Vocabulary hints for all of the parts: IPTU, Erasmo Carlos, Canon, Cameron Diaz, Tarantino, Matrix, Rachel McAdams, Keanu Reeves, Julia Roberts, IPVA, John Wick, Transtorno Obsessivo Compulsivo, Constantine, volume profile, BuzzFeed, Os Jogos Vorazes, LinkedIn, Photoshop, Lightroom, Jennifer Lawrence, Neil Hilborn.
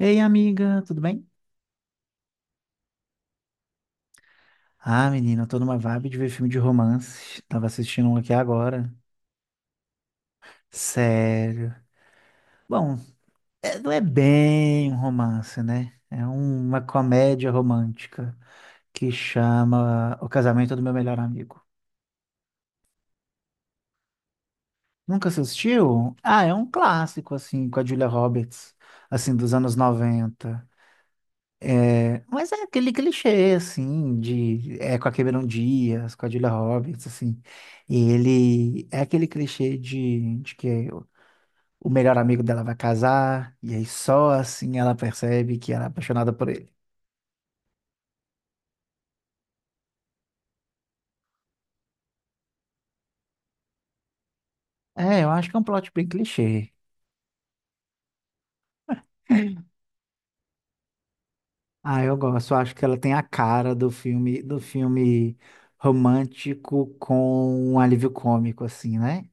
Ei, amiga, tudo bem? Ah, menina, eu tô numa vibe de ver filme de romance. Tava assistindo um aqui agora. Sério. Bom, não é bem um romance, né? É uma comédia romântica que chama O Casamento do Meu Melhor Amigo. Nunca assistiu? Ah, é um clássico, assim, com a Julia Roberts, assim, dos anos 90. Mas é aquele clichê, assim, de... É com a Cameron Diaz, com a Julia Roberts, assim. E ele... É aquele clichê de que o melhor amigo dela vai casar, e aí só assim ela percebe que ela é apaixonada por ele. É, eu acho que é um plot bem clichê. Ah, eu gosto. Eu acho que ela tem a cara do filme romântico com um alívio cômico, assim, né?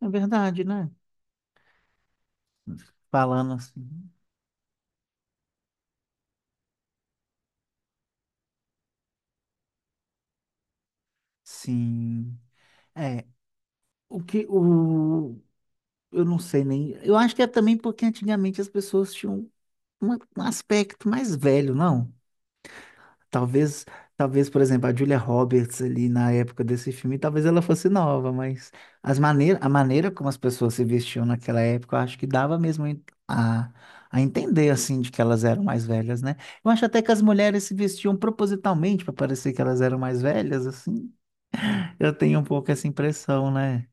É verdade, né? Falando assim. Sim. É, o que o eu não sei nem. Eu acho que é também porque antigamente as pessoas tinham um aspecto mais velho, não? Talvez, talvez, por exemplo, a Julia Roberts ali na época desse filme, talvez ela fosse nova, mas as maneiras, a maneira como as pessoas se vestiam naquela época, eu acho que dava mesmo a, a entender assim de que elas eram mais velhas, né? Eu acho até que as mulheres se vestiam propositalmente para parecer que elas eram mais velhas, assim. Eu tenho um pouco essa impressão, né?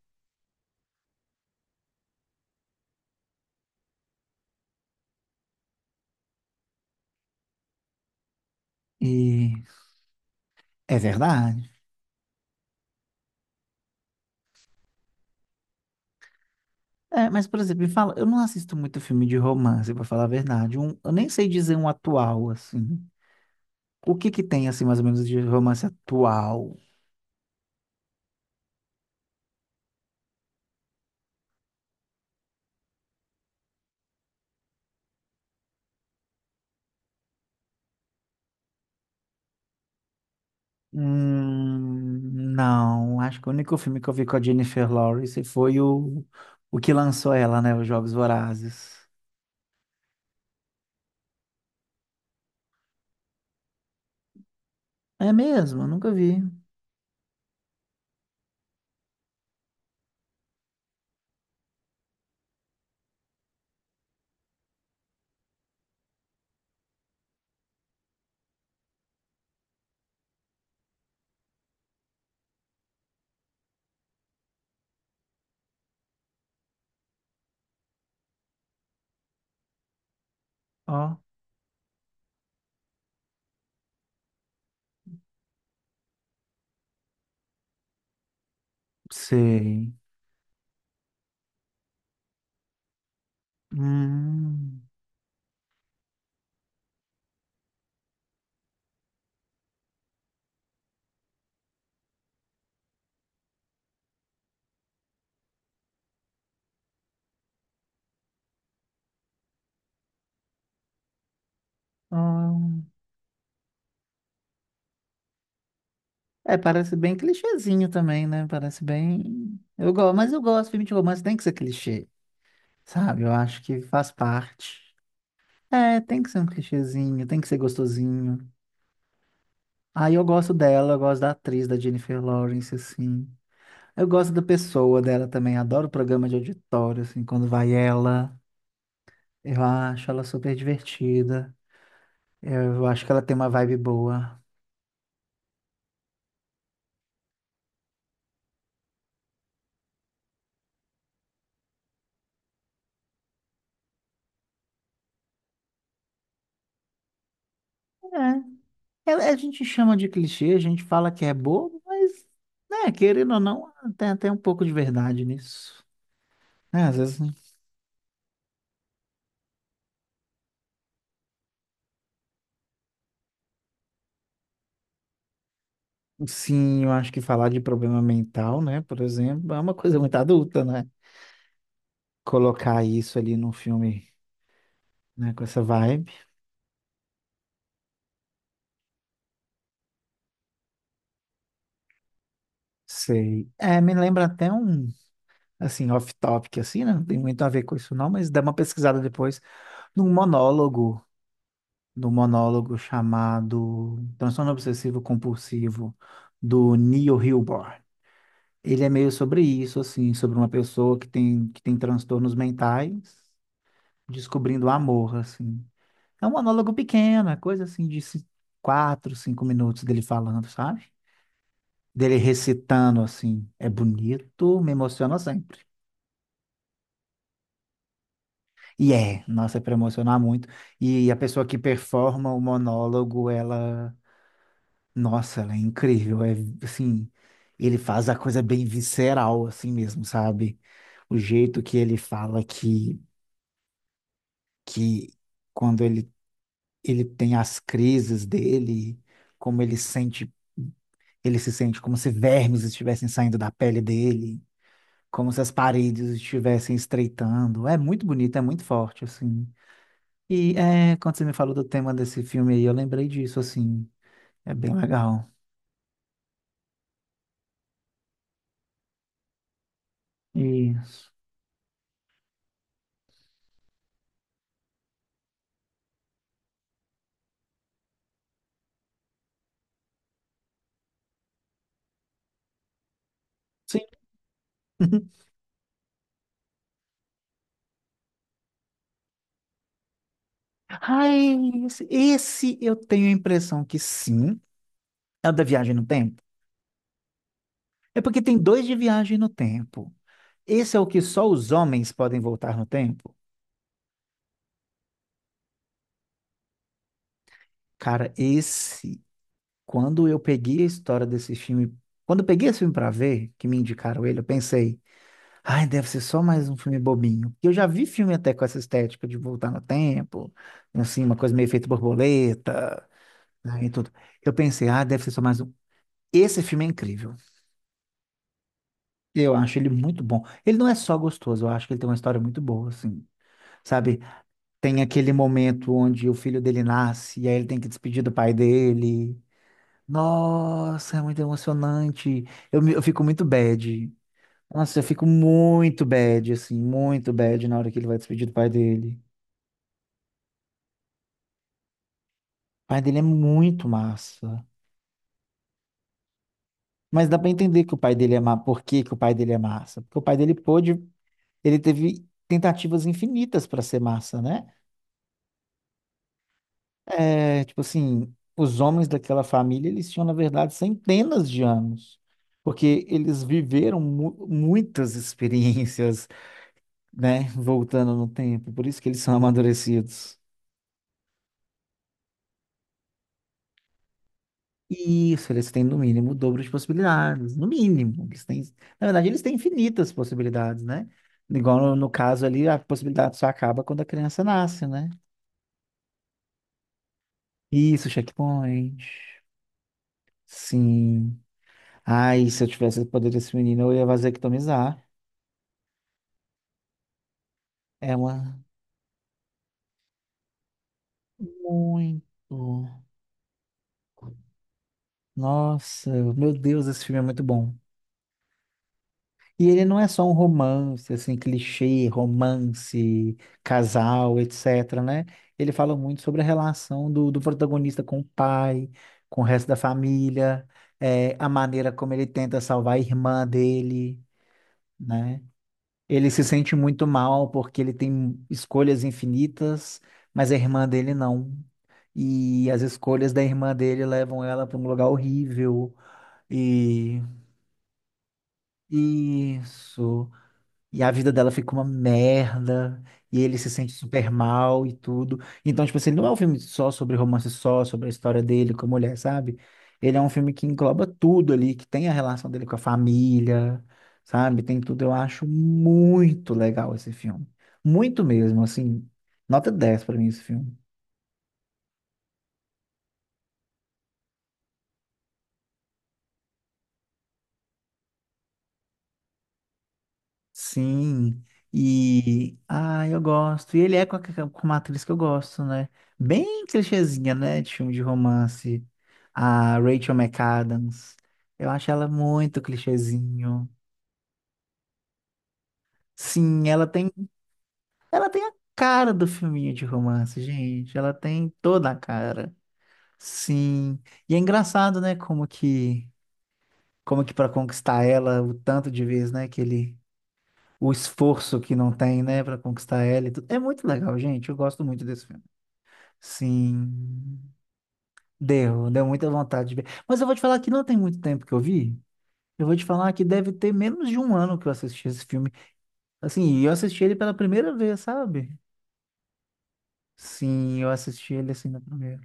E é verdade. É, mas, por exemplo, me fala, eu não assisto muito filme de romance, pra falar a verdade. Eu nem sei dizer um atual, assim. O que que tem, assim, mais ou menos, de romance atual? Hum, não, acho que o único filme que eu vi com a Jennifer Lawrence foi o que lançou ela, né? Os Jogos Vorazes. É mesmo, eu nunca vi. Ó, sei. Hum, ó. É, parece bem clichêzinho também, né? Parece bem. Eu gosto, mas eu gosto, filme de romance tem que ser clichê. Sabe, eu acho que faz parte. É, tem que ser um clichêzinho, tem que ser gostosinho. Aí eu gosto dela, eu gosto da atriz, da Jennifer Lawrence, assim. Eu gosto da pessoa dela também, adoro o programa de auditório, assim, quando vai ela. Eu acho ela super divertida. Eu acho que ela tem uma vibe boa. É, a gente chama de clichê, a gente fala que é bobo, mas, né, querendo ou não, tem até um pouco de verdade nisso. Né, às vezes. Sim, eu acho que falar de problema mental, né, por exemplo, é uma coisa muito adulta, né? Colocar isso ali num filme, né, com essa vibe, sei. É, me lembra até um, assim, off-topic, assim, né? Não tem muito a ver com isso não, mas dá uma pesquisada depois num monólogo, num monólogo chamado Transtorno Obsessivo Compulsivo, do Neil Hilborn. Ele é meio sobre isso, assim, sobre uma pessoa que tem transtornos mentais, descobrindo o amor, assim. É um monólogo pequeno, é coisa assim de 4, 5 minutos dele falando, sabe? Dele recitando assim. É bonito, me emociona sempre. E é, nossa, é para emocionar muito. E a pessoa que performa o monólogo, ela, nossa, ela é incrível. É assim, ele faz a coisa bem visceral, assim mesmo, sabe? O jeito que ele fala que quando ele tem as crises dele, como ele sente. Ele se sente como se vermes estivessem saindo da pele dele, como se as paredes estivessem estreitando. É muito bonito, é muito forte, assim. E é, quando você me falou do tema desse filme aí, eu lembrei disso, assim. É bem legal. Isso. Sim. Ai, esse eu tenho a impressão que sim. É o da viagem no tempo? É porque tem dois de viagem no tempo. Esse é o que só os homens podem voltar no tempo? Cara, esse quando eu peguei a história desse filme, quando eu peguei esse filme pra ver, que me indicaram ele, eu pensei, ai, deve ser só mais um filme bobinho. Porque eu já vi filme até com essa estética de voltar no tempo, assim, uma coisa meio efeito borboleta, né, e tudo. Eu pensei, ah, deve ser só mais um. Esse filme é incrível. Eu acho ele muito bom. Ele não é só gostoso, eu acho que ele tem uma história muito boa, assim. Sabe? Tem aquele momento onde o filho dele nasce e aí ele tem que despedir do pai dele. Nossa, é muito emocionante. Eu, eu fico muito bad. Nossa, eu fico muito bad, assim, muito bad na hora que ele vai despedir do pai dele. O pai dele é muito massa. Mas dá pra entender que o pai dele é massa. Por que que o pai dele é massa? Porque o pai dele pôde. Ele teve tentativas infinitas pra ser massa, né? É, tipo assim, os homens daquela família, eles tinham, na verdade, centenas de anos. Porque eles viveram muitas experiências né? Voltando no tempo. Por isso que eles são amadurecidos. Isso, eles têm no mínimo o dobro de possibilidades. No mínimo. Eles têm, na verdade, eles têm infinitas possibilidades, né? Igual no caso ali, a possibilidade só acaba quando a criança nasce, né? Isso, checkpoint. Sim. Ai, se eu tivesse o poder desse menino, eu ia vasectomizar. É uma. Muito. Nossa, meu Deus, esse filme é muito bom. E ele não é só um romance, assim, clichê, romance, casal, etc, né? Ele fala muito sobre a relação do protagonista com o pai, com o resto da família, a maneira como ele tenta salvar a irmã dele, né? Ele se sente muito mal porque ele tem escolhas infinitas, mas a irmã dele não. E as escolhas da irmã dele levam ela para um lugar horrível. E isso. E a vida dela fica uma merda. E ele se sente super mal e tudo. Então, tipo assim, não é um filme só sobre romance, só sobre a história dele com a mulher, sabe? Ele é um filme que engloba tudo ali, que tem a relação dele com a família, sabe? Tem tudo. Eu acho muito legal esse filme. Muito mesmo, assim. Nota 10 pra mim esse filme. Sim, e ah, eu gosto. E ele é com, a, com uma atriz que eu gosto, né? Bem clichêzinha, né? De filme de romance. A Rachel McAdams. Eu acho ela muito clichêzinho. Sim, ela tem a cara do filminho de romance, gente. Ela tem toda a cara. Sim. E é engraçado, né? Como que para conquistar ela, o tanto de vezes, né? Que ele o esforço que não tem, né, para conquistar ela e tudo. É muito legal, gente. Eu gosto muito desse filme. Sim, deu muita vontade de ver. Mas eu vou te falar que não tem muito tempo que eu vi. Eu vou te falar que deve ter menos de um ano que eu assisti esse filme. Assim, e eu assisti ele pela primeira vez, sabe? Sim, eu assisti ele assim na primeira.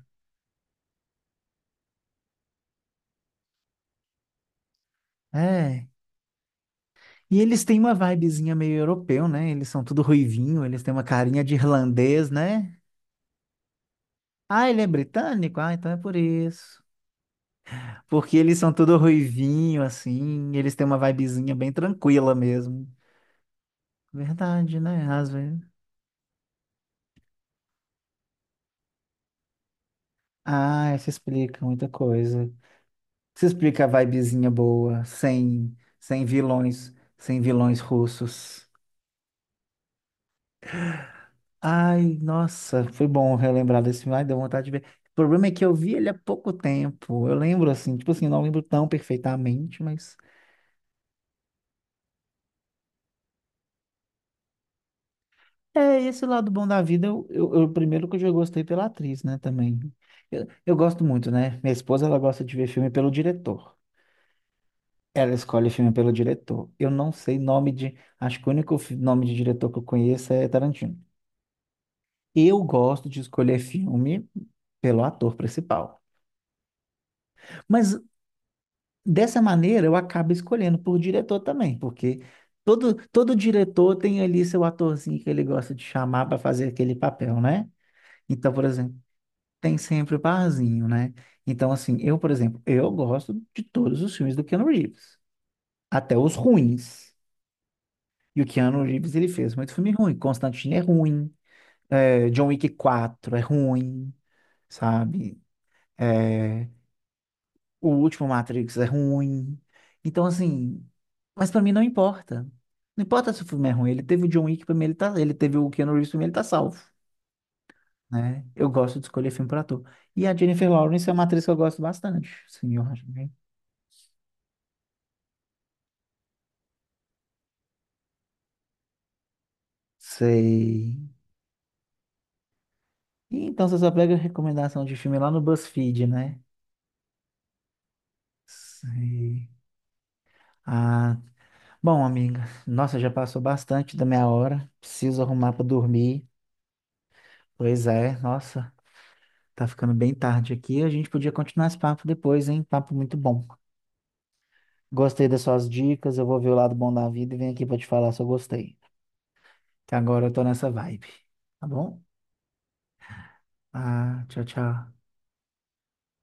É. E eles têm uma vibezinha meio europeu, né? Eles são tudo ruivinho, eles têm uma carinha de irlandês, né? Ah, ele é britânico? Ah, então é por isso. Porque eles são tudo ruivinho, assim, e eles têm uma vibezinha bem tranquila mesmo. Verdade, né? Às vezes. Ah, isso explica muita coisa. Isso explica a vibezinha boa, sem vilões, sem vilões russos. Ai, nossa, foi bom relembrar desse filme. Ai, deu vontade de ver. O problema é que eu vi ele há pouco tempo. Eu lembro, assim, tipo assim, não lembro tão perfeitamente, mas é, esse lado bom da vida, primeiro que eu já gostei pela atriz, né, também. Eu gosto muito, né? Minha esposa, ela gosta de ver filme pelo diretor. Ela escolhe filme pelo diretor. Eu não sei nome de... Acho que o único nome de diretor que eu conheço é Tarantino. Eu gosto de escolher filme pelo ator principal. Mas, dessa maneira, eu acabo escolhendo por diretor também, porque todo diretor tem ali seu atorzinho que ele gosta de chamar para fazer aquele papel, né? Então, por exemplo, tem sempre o parzinho, né? Então, assim, eu, por exemplo, eu gosto de todos os filmes do Keanu Reeves, até os ruins. E o Keanu Reeves, ele fez muito filme ruim. Constantine é ruim, é, John Wick 4 é ruim, sabe? O último Matrix é ruim. Então, assim, mas pra mim não importa. Não importa se o filme é ruim, ele teve o John Wick, pra mim ele tá, ele teve o Keanu Reeves, pra mim ele tá salvo. Né? Eu gosto de escolher filme para ator. E a Jennifer Lawrence é uma atriz que eu gosto bastante. Sim, eu acho. Bem. Sei. E então você só pega recomendação de filme lá no BuzzFeed, né? Sim. Ah, bom, amiga. Nossa, já passou bastante da minha hora. Preciso arrumar para dormir. Pois é, nossa, tá ficando bem tarde aqui. A gente podia continuar esse papo depois, hein? Papo muito bom. Gostei das suas dicas. Eu vou ver o lado bom da vida e venho aqui para te falar se eu gostei. Que agora eu tô nessa vibe. Tá bom? Ah, tchau, tchau.